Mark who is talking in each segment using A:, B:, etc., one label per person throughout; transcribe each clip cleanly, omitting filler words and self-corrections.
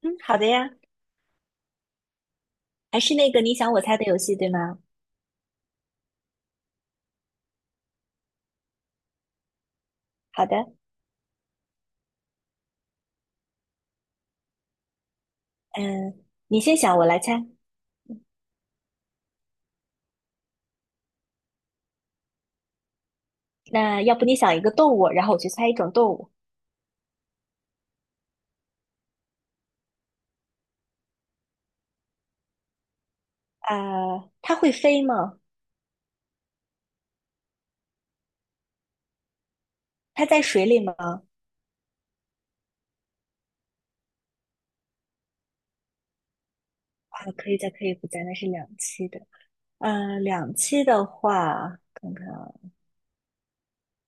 A: 嗯，好的呀，还是那个你想我猜的游戏，对吗？好的，嗯，你先想，我来猜。那要不你想一个动物，然后我去猜一种动物。它会飞吗？它在水里吗？啊，可以在，可以不在，那是两栖的。嗯，两栖的话，看看啊，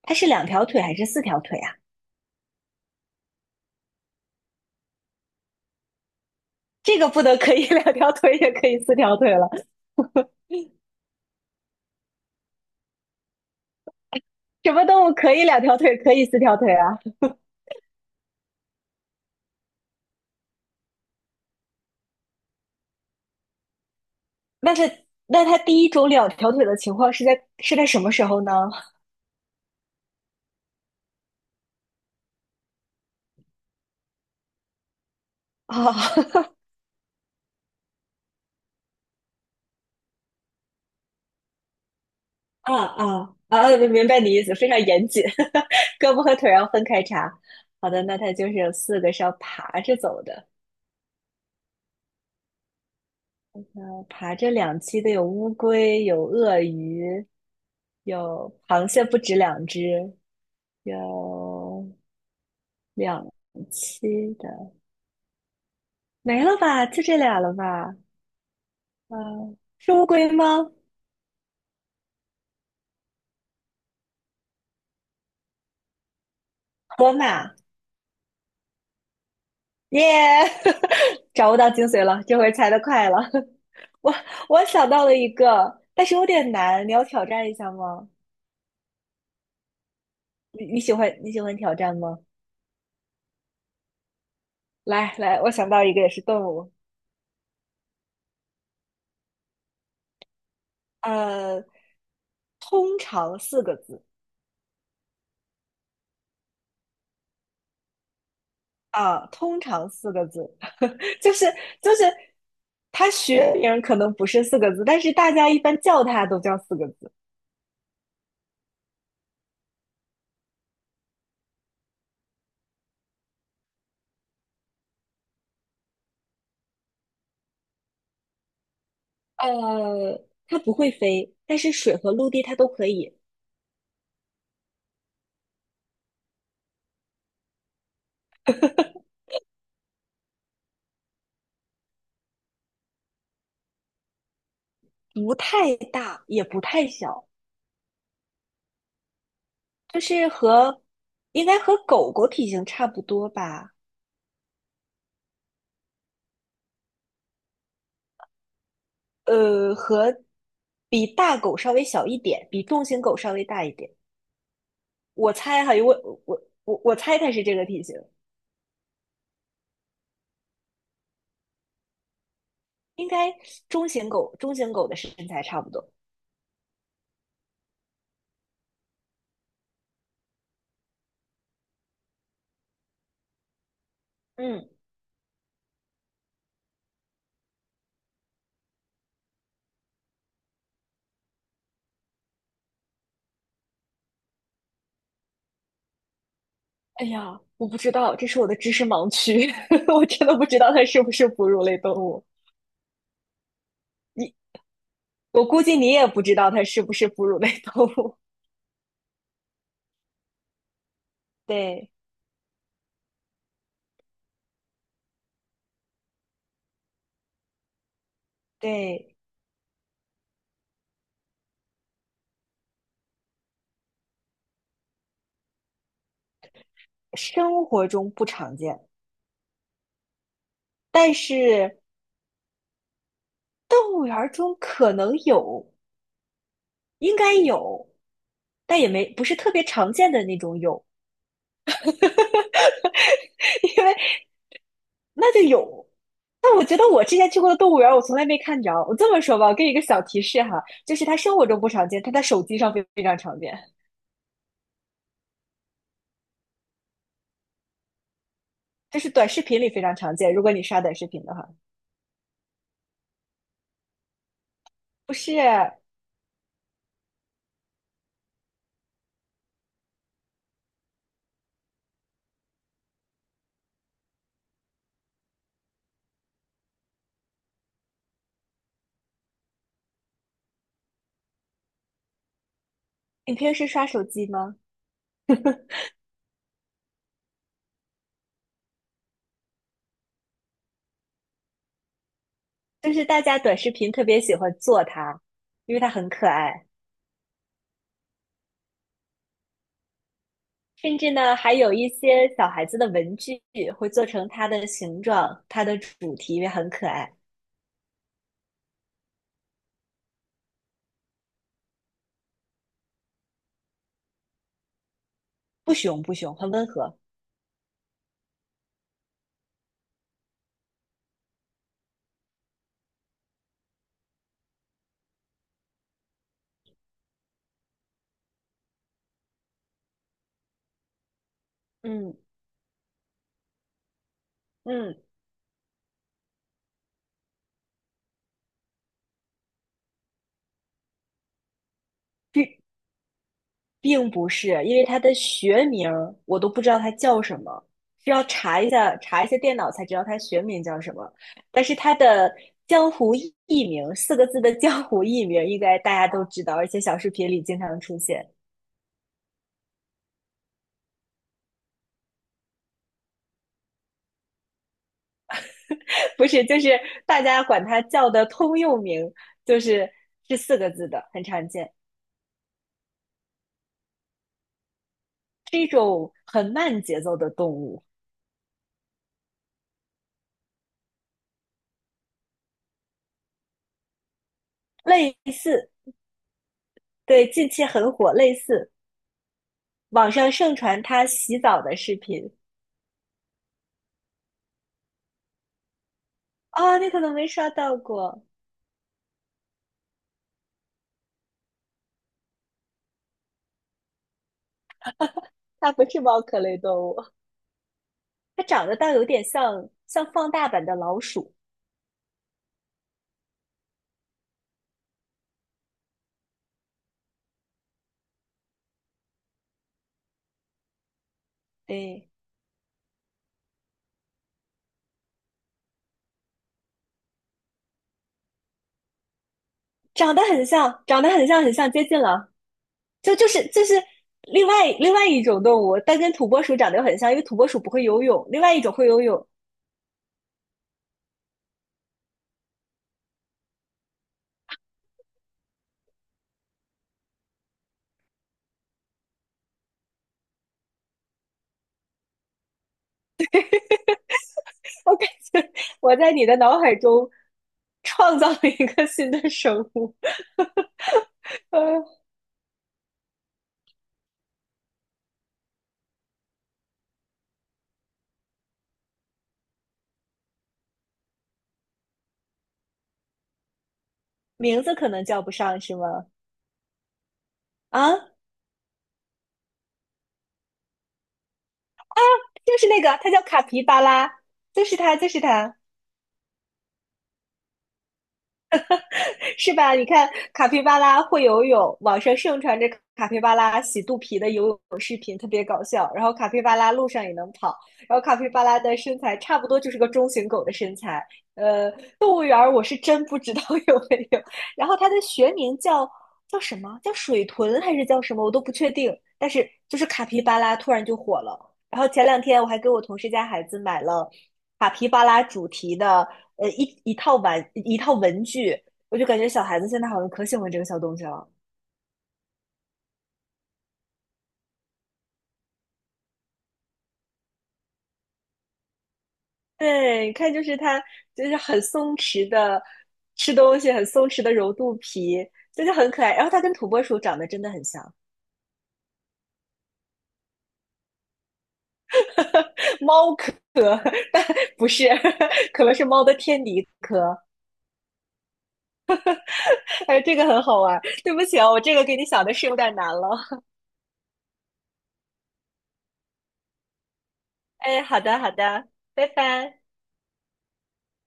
A: 它是两条腿还是四条腿啊？这个不得可以 两条腿，也可以四条腿了。什么动物可以两条腿，可以四条腿啊？那它那它第一种两条腿的情况是在什么时候呢？啊，啊啊啊！明白你意思，非常严谨，胳膊和腿儿要分开查。好的，那它就是有四个是要爬着走的，爬着两栖的有乌龟，有鳄鱼，有螃蟹，不止两只，有两栖的，没了吧？就这俩了吧？嗯、是乌龟吗？河马耶找不 到精髓了，这回猜的快了。我我想到了一个，但是有点难，你要挑战一下吗？你喜欢挑战吗？来来，我想到一个也是动物，呃，通常四个字啊，通常四个字，就是就是，它学名可能不是四个字，但是大家一般叫它都叫四个字。呃，它不会飞，但是水和陆地它都可以，不太大也不太小。就是和应该和狗狗体型差不多吧，呃，和比大狗稍微小一点，比重型狗稍微大一点。我猜哈，因为我猜它是这个体型，应该中型狗的身材差不多。嗯，哎呀，我不知道，这是我的知识盲区，我真的不知道它是不是哺乳类动物。我估计你也不知道它是不是哺乳类动物。对对，生活中不常见。但是动物园儿中可能有，应该有，但也没不是特别常见的那种有，因为那就有。但我觉得我之前去过的动物园儿，我从来没看着。我这么说吧，我给你一个小提示哈，就是它生活中不常见，它在手机上非常常见，就是短视频里非常常见。如果你刷短视频的话，不是你平时刷手机吗？就是大家短视频特别喜欢做它，因为它很可爱。甚至呢，还有一些小孩子的文具会做成它的形状，它的主题也很可爱，不熊，很温和。嗯嗯，并并不是，因为它的学名儿我都不知道它叫什么，需要查一下电脑才知道它学名叫什么。但是它的江湖艺名，四个字的江湖艺名，应该大家都知道，而且小视频里经常出现。不是，就是大家管它叫的通用名，就是四个字的，很常见，是一种很慢节奏的动物，类似，对，近期很火，类似，网上盛传它洗澡的视频。啊，你可能没刷到过，它不是猫科类动物，它长得倒有点像放大版的老鼠，对，长得很像，长得很像，很像，接近了。就是另外一种动物，但跟土拨鼠长得又很像，因为土拨鼠不会游泳，另外一种会游泳。我感觉我在你的脑海中创造了一个新的生物，呃，名字可能叫不上是吗？啊，就是那个，它叫卡皮巴拉，就是它，就是它。是吧？你看卡皮巴拉会游泳，网上盛传着卡皮巴拉洗肚皮的游泳视频，特别搞笑。然后卡皮巴拉路上也能跑，然后卡皮巴拉的身材差不多就是个中型狗的身材。呃，动物园我是真不知道 有没有。然后它的学名叫什么？叫水豚还是叫什么？我都不确定。但是就是卡皮巴拉突然就火了。然后前两天我还给我同事家孩子买了卡皮巴拉主题的一套文具，我就感觉小孩子现在好像可喜欢这个小东西了。对，你看，就是它，就是很松弛的吃东西，很松弛的揉肚皮，就是很可爱。然后它跟土拨鼠长得真的很像，猫科，但不是，可能是猫的天敌科。哎，这个很好玩。对不起啊，我这个给你想的是有点难了。哎，好的，好的，拜拜。